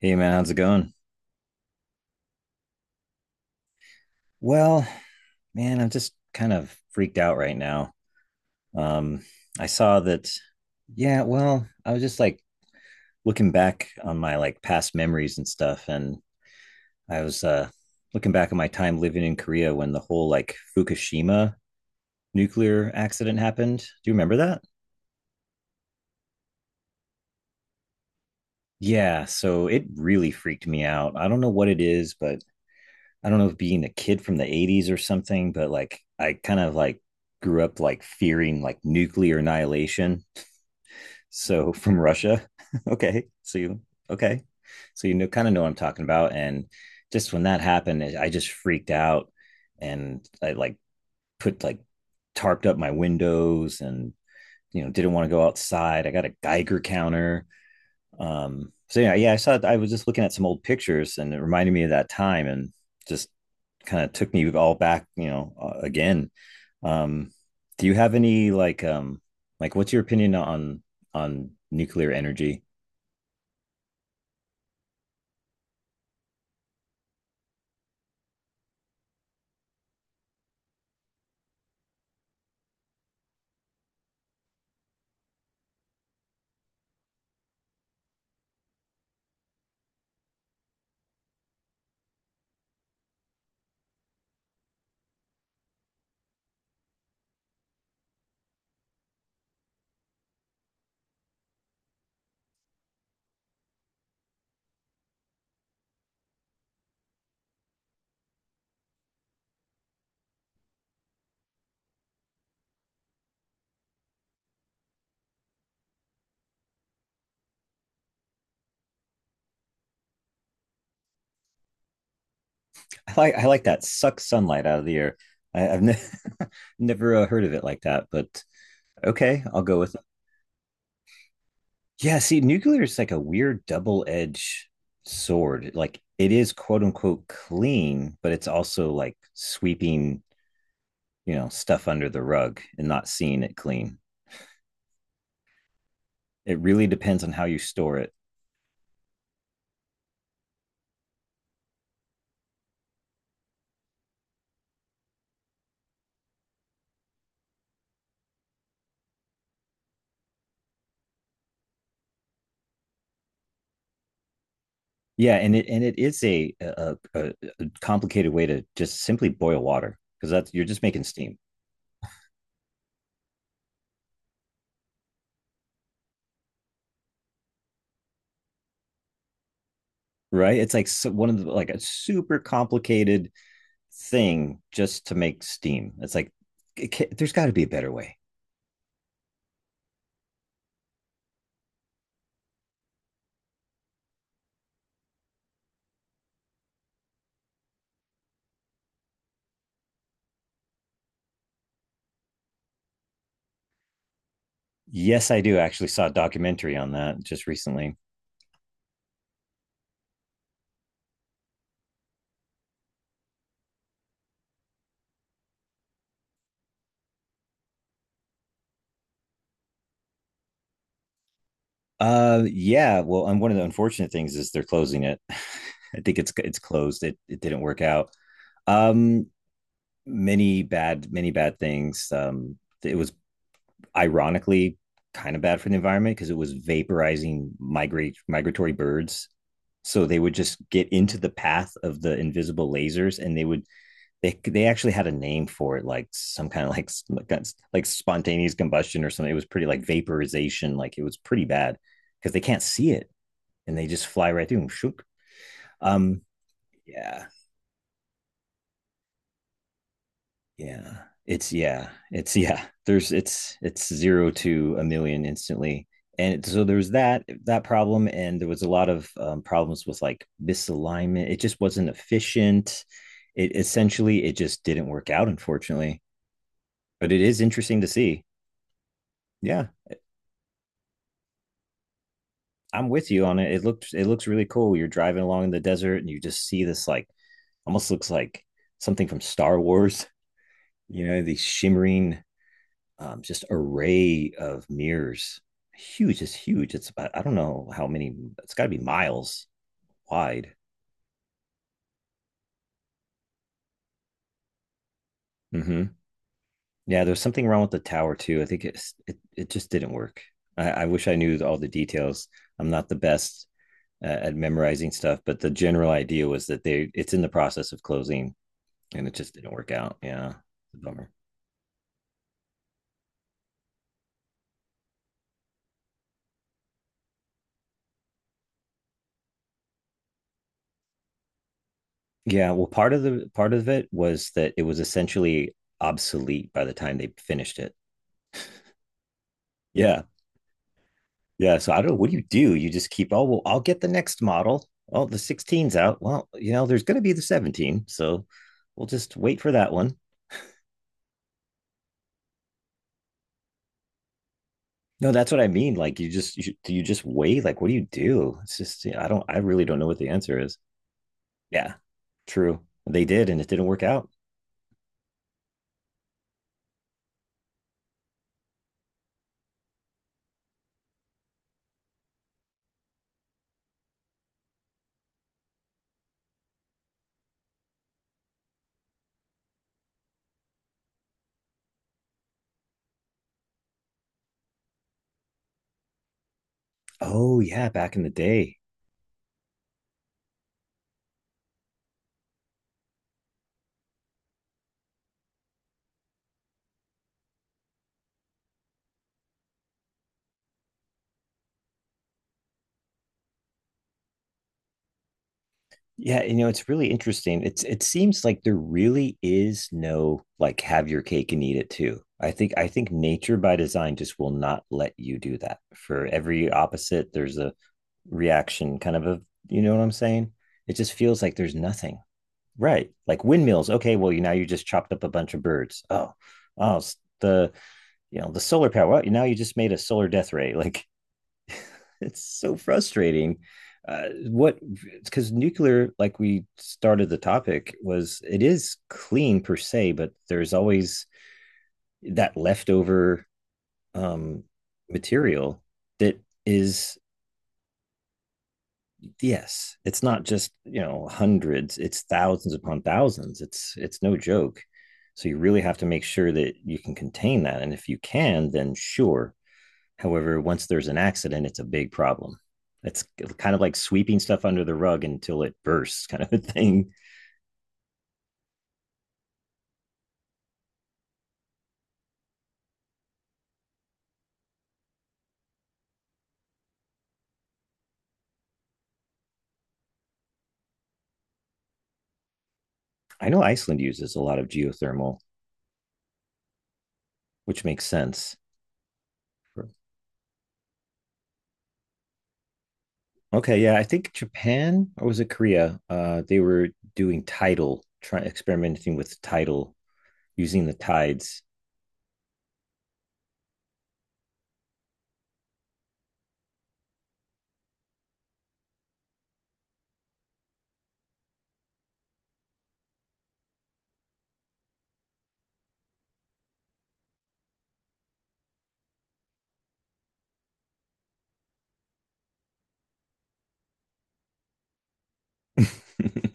Hey man, how's it going? Well, man, I'm just kind of freaked out right now. Um, I saw that, yeah, well, I was just like looking back on my like past memories and stuff, and I was looking back at my time living in Korea when the whole like Fukushima nuclear accident happened. Do you remember that? Yeah, so it really freaked me out. I don't know what it is, but I don't know if being a kid from the 80s or something, but like I kind of like grew up like fearing like nuclear annihilation. So from Russia. Okay. So you Okay. So kind of know what I'm talking about. And just when that happened, I just freaked out and I like put like tarped up my windows and didn't want to go outside. I got a Geiger counter so yeah, yeah, I saw it. I was just looking at some old pictures, and it reminded me of that time, and just kind of took me all back, again. Um, do you have any like, what's your opinion on nuclear energy? I like that "suck sunlight out of the air." I've never heard of it like that, but okay, I'll go with it. Yeah, see, nuclear is like a weird double edged sword. Like it is quote unquote clean, but it's also like sweeping stuff under the rug and not seeing it clean. It really depends on how you store it. Yeah, and it is a complicated way to just simply boil water, because that's you're just making steam. Right, it's like so, one of the like a super complicated thing just to make steam. It's like there's got to be a better way. Yes, I do. Actually saw a documentary on that just recently. Yeah. Well, and one of the unfortunate things is they're closing it. I think it's closed. It didn't work out. Um, many bad things. It was ironically kind of bad for the environment because it was vaporizing migrate migratory birds. So they would just get into the path of the invisible lasers, and they would they actually had a name for it, like some kind of like spontaneous combustion or something. It was pretty like vaporization. Like it was pretty bad because they can't see it and they just fly right through them. Um, yeah, yeah. It's yeah, it's yeah. There's it's zero to a million instantly, and so there was that problem, and there was a lot of problems with like misalignment. It just wasn't efficient. It essentially it just didn't work out, unfortunately. But it is interesting to see. Yeah, I'm with you on it. It looked it looks really cool. You're driving along in the desert, and you just see this, like, almost looks like something from Star Wars. You know, these shimmering, just array of mirrors. Huge. It's about, I don't know how many. It's got to be miles wide. Hmm. Yeah, there's something wrong with the tower too. I think it just didn't work. I wish I knew all the details. I'm not the best at memorizing stuff, but the general idea was that they it's in the process of closing, and it just didn't work out. Yeah, it's a bummer. Yeah, well, part of it was that it was essentially obsolete by the time they finished it. Yeah, Yeah, so I don't know. What do? You just keep, oh, well, I'll get the next model. Oh, the 16's out. Well, there's going to be the 17. So we'll just wait for that one. No, that's what I mean. Like, do you just wait? Like, what do you do? It's just, yeah, I really don't know what the answer is. Yeah, true. They did, and it didn't work out. Oh, yeah, back in the day. Yeah, it's really interesting. It seems like there really is no, like, "have your cake and eat it too." I think nature by design just will not let you do that. For every opposite, there's a reaction kind of a, you know what I'm saying? It just feels like there's nothing. Right. Like windmills. Okay, well, you now you just chopped up a bunch of birds. Oh. Oh, the solar power. Well, now you just made a solar death ray. Like it's so frustrating. What, because nuclear, like we started the topic, was, it is clean per se, but there's always that leftover, um, material that is, yes, it's not just hundreds, it's thousands upon thousands. It's no joke. So you really have to make sure that you can contain that, and if you can, then sure. However, once there's an accident, it's a big problem. It's kind of like sweeping stuff under the rug until it bursts, kind of a thing. I know Iceland uses a lot of geothermal, which makes sense. Okay, yeah, I think Japan or was it Korea? They were doing tidal, trying experimenting with tidal, using the tides.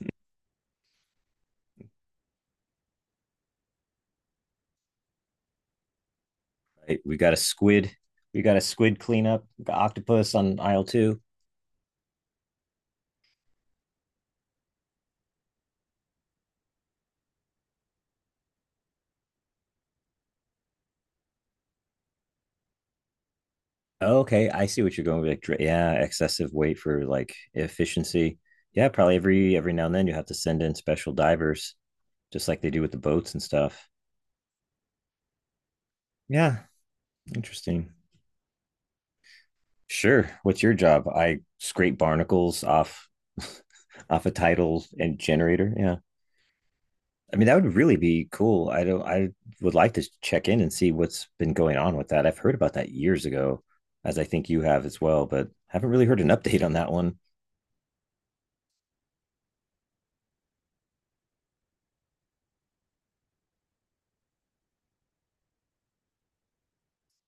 Right, we got a squid. We got a squid cleanup. We got octopus on aisle two. Oh, okay, I see what you're going with. Like, yeah, excessive weight for like efficiency. Yeah, probably every now and then you have to send in special divers, just like they do with the boats and stuff. Yeah, interesting. Sure. What's your job? I scrape barnacles off off a tidal and generator. Yeah. I mean, that would really be cool. I don't I would like to check in and see what's been going on with that. I've heard about that years ago, as I think you have as well, but haven't really heard an update on that one.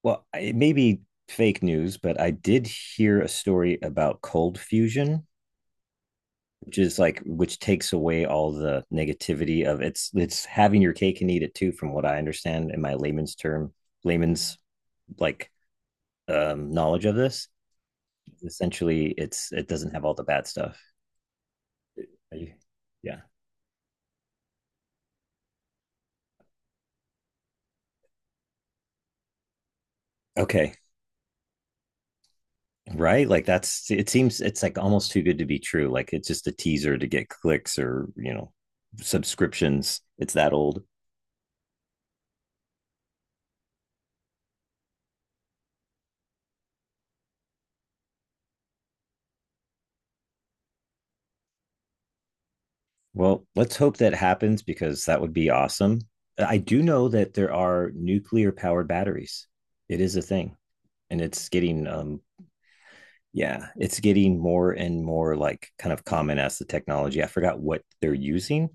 Well, it may be fake news, but I did hear a story about cold fusion, which is like which takes away all the negativity of it's having your cake and eat it too, from what I understand in my layman's like knowledge of this. Essentially, it doesn't have all the bad stuff. Are you- Yeah. Okay. Right? Like that's it seems it's like almost too good to be true. Like it's just a teaser to get clicks or, subscriptions. It's that old. Well, let's hope that happens because that would be awesome. I do know that there are nuclear powered batteries. It is a thing, and it's getting yeah, it's getting more and more, like, kind of common as the technology. I forgot what they're using,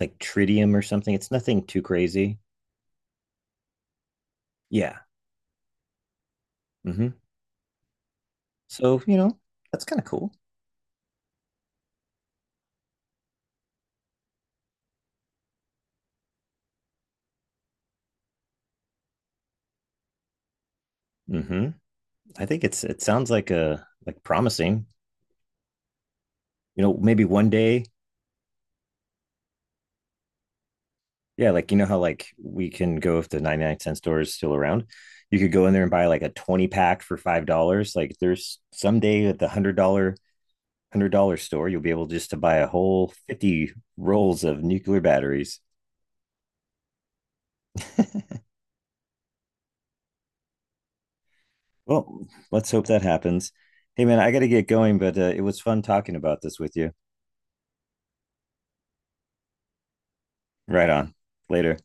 like tritium or something. It's nothing too crazy. Yeah. Hmm. So that's kind of cool. Hmm. I think it sounds like promising. You know, maybe one day. Yeah, like you know how like we can go if the 99 cent store is still around. You could go in there and buy like a 20 pack for $5. Like there's someday at the one hundred dollar store, you'll be able just to buy a whole 50 rolls of nuclear batteries. Well, let's hope that happens. Hey man, I gotta get going, but it was fun talking about this with you. Right on. Later.